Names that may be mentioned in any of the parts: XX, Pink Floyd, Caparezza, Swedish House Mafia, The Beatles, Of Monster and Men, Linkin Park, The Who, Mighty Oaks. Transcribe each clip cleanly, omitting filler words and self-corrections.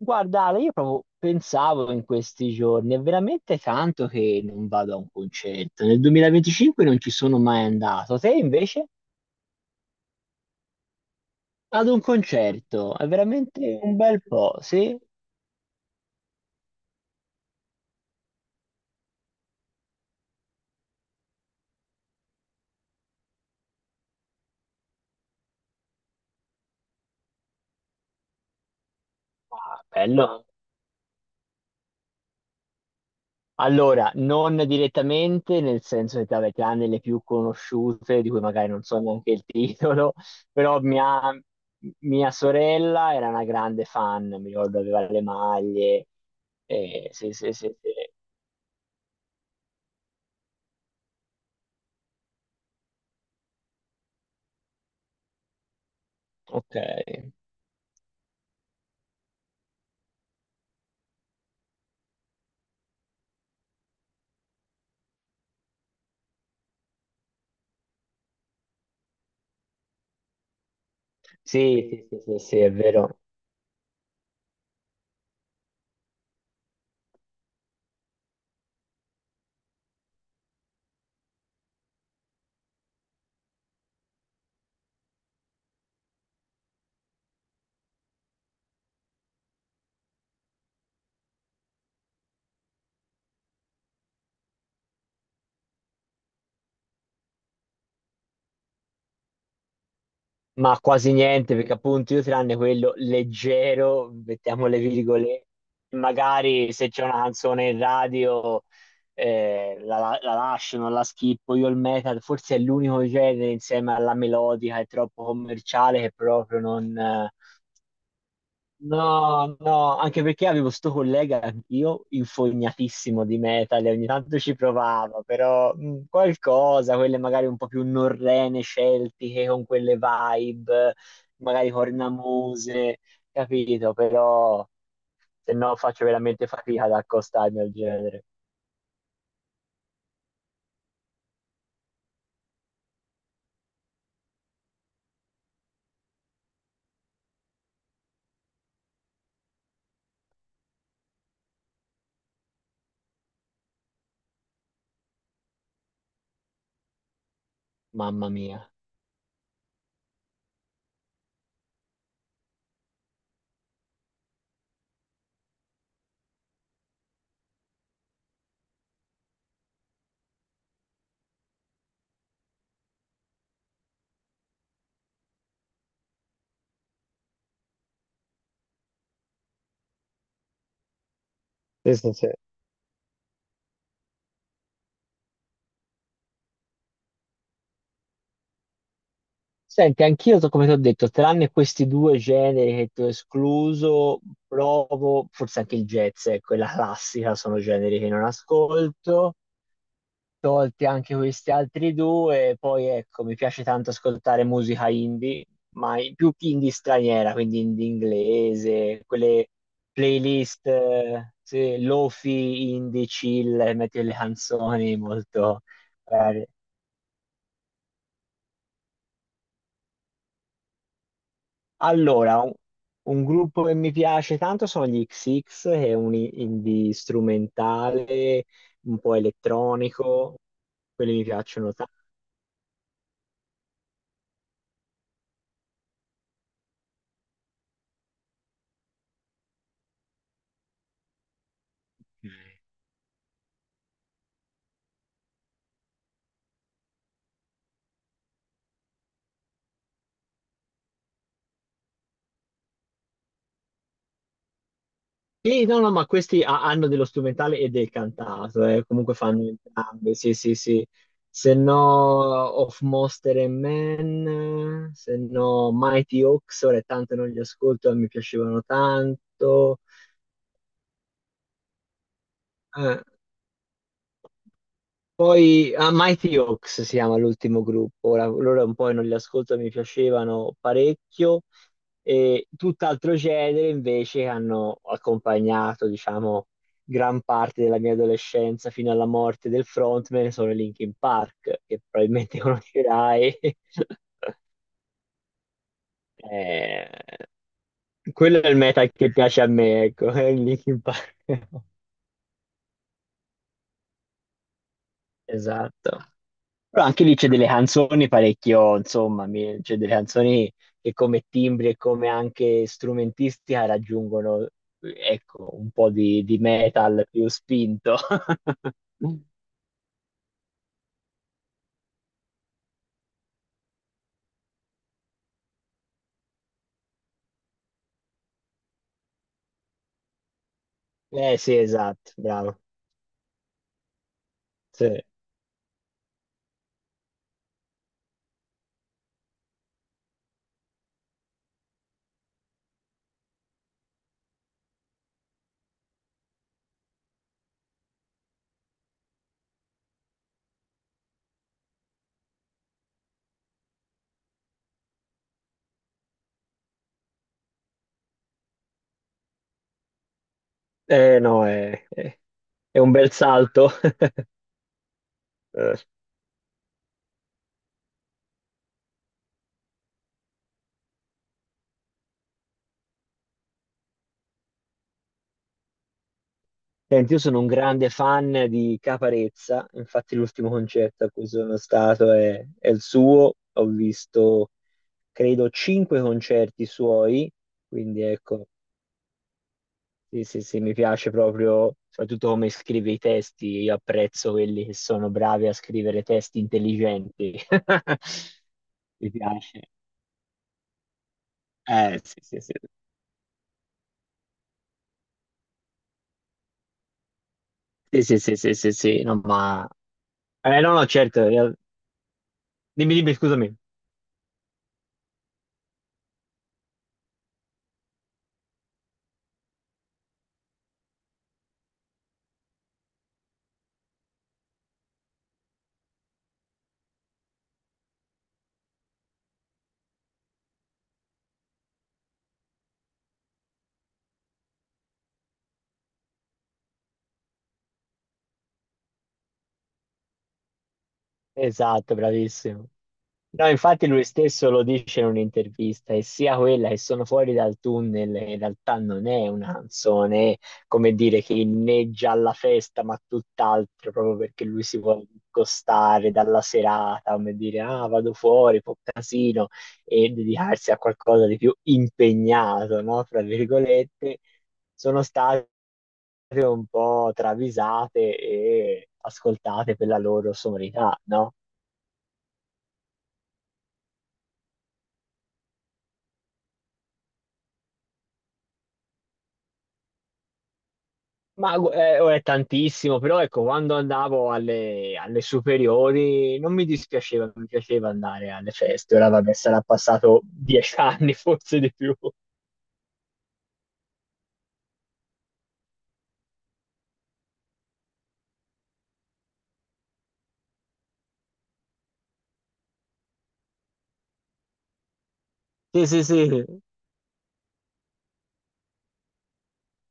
Guarda, Ale, io proprio pensavo in questi giorni, è veramente tanto che non vado a un concerto. Nel 2025 non ci sono mai andato. Te invece ad un concerto, è veramente un bel po', sì? Ah, bello. Allora, non direttamente, nel senso che vabbè, tranne le più conosciute, di cui magari non so neanche il titolo, però mia sorella era una grande fan, mi ricordo aveva le maglie. Sì, sì, sì, sì. Ok. Sì, sì, sì, sì, sì, è vero, ma quasi niente perché appunto io tranne quello leggero, mettiamo le virgolette, magari se c'è una canzone in radio la lascio, non la schippo, io il metal forse è l'unico genere insieme alla melodica, è troppo commerciale che proprio non... No, no, anche perché avevo sto collega anch'io, infognatissimo di metal, e ogni tanto ci provava, però qualcosa, quelle magari un po' più norrene, celtiche, con quelle vibe, magari cornamuse, capito? Però se no faccio veramente fatica ad accostarmi al genere, mamma mia. Sì, sì, sì. Senti, anch'io, come ti ho detto, tranne questi due generi che ti ho escluso, provo, forse anche il jazz, ecco, è la classica, sono generi che non ascolto, tolti anche questi altri due, poi ecco, mi piace tanto ascoltare musica indie, ma più indie straniera, quindi indie inglese, quelle playlist, sì, lofi, indie, chill, metti le canzoni molto... Allora, un gruppo che mi piace tanto sono gli XX, che è un indie strumentale, un po' elettronico, quelli mi piacciono tanto. Sì, no, no, ma questi hanno dello strumentale e del cantato, comunque fanno entrambi, sì, sì, sì. Se no, Of Monster and Men, se no, Mighty Oaks, ora è tanto non li ascolto, ma mi piacevano tanto. Eh, Poi ah, Mighty Oaks si chiama l'ultimo gruppo, ora loro un po' non li ascolto, mi piacevano parecchio, e tutt'altro genere invece che hanno accompagnato, diciamo, gran parte della mia adolescenza fino alla morte del frontman sono i Linkin Park, che probabilmente conoscerai. Eh, quello è il metal che piace a me, ecco, è il Linkin Park. Esatto. Però anche lì c'è delle canzoni parecchio, insomma, c'è delle canzoni che come timbri e come anche strumentistica raggiungono, ecco, un po' di metal più spinto. Eh sì, esatto, bravo. Sì. Eh no, è un bel salto. Eh, Senti, io sono un grande fan di Caparezza, infatti l'ultimo concerto a cui sono stato è il suo, ho visto credo 5 concerti suoi, quindi ecco, sì, sì, sì, mi piace proprio, soprattutto come scrive i testi, io apprezzo quelli che sono bravi a scrivere testi intelligenti. Mi piace. Sì, sì, sì. Sì, sì, sì, sì, sì, sì, no, ma... no, no, certo, dimmi, dimmi, scusami. Esatto, bravissimo. No, infatti lui stesso lo dice in un'intervista, e sia quella che sono fuori dal tunnel, in realtà non è una canzone, come dire, che inneggia alla festa, ma tutt'altro, proprio perché lui si vuole discostare dalla serata, come dire, ah, vado fuori, po' casino, e dedicarsi a qualcosa di più impegnato, no? Fra virgolette, sono state un po' travisate e ascoltate per la loro sonorità, no? Ma oh, è tantissimo, però ecco, quando andavo alle superiori non mi dispiaceva, mi piaceva andare alle feste. Ora vabbè, sarà passato 10 anni, forse di più. Sì, sì, sì.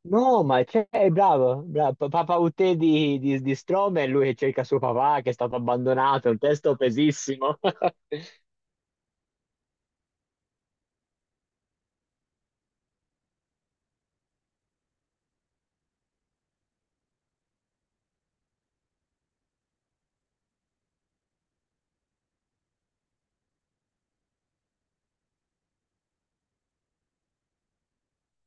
No, ma c'è, è bravo, bravo. Papà Uté di Strohm è lui che cerca suo papà, che è stato abbandonato, è un testo pesissimo.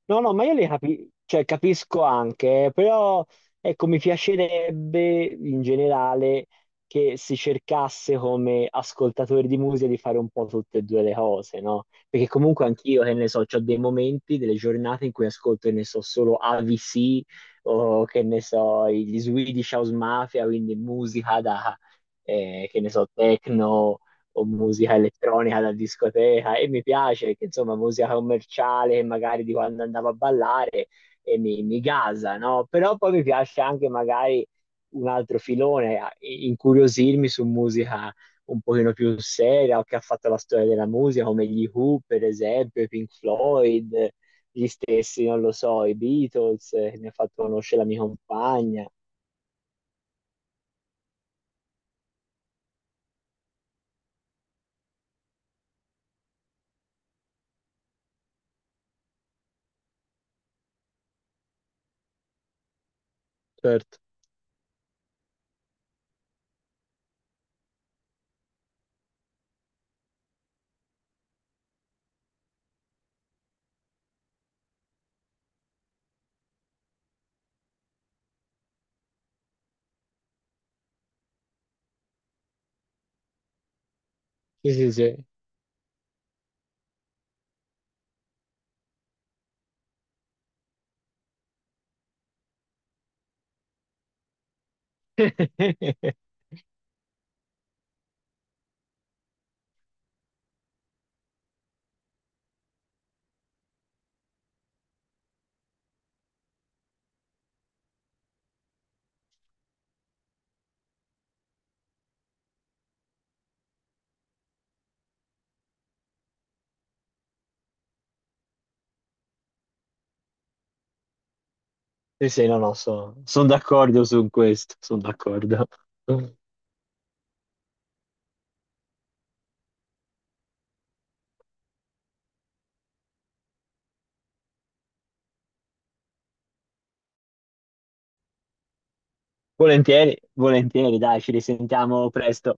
No, no, ma io le cioè, capisco anche, però ecco, mi piacerebbe in generale che si cercasse come ascoltatori di musica di fare un po' tutte e due le cose, no? Perché comunque anch'io, che ne so, ho dei momenti, delle giornate in cui ascolto, che ne so, solo AVC o che ne so, gli Swedish House Mafia, quindi musica da, che ne so, techno o musica elettronica da discoteca e mi piace che insomma musica commerciale che magari di quando andavo a ballare e mi gasa, no? Però poi mi piace anche magari un altro filone, incuriosirmi su musica un pochino più seria o che ha fatto la storia della musica come gli Who per esempio, i Pink Floyd, gli stessi, non lo so, i Beatles, che mi ha fatto conoscere la mia compagna. Certo. Sì, sì, sì. Sì, sì, no, no, sono d'accordo su questo, sono d'accordo. Volentieri, volentieri, dai, ci risentiamo presto.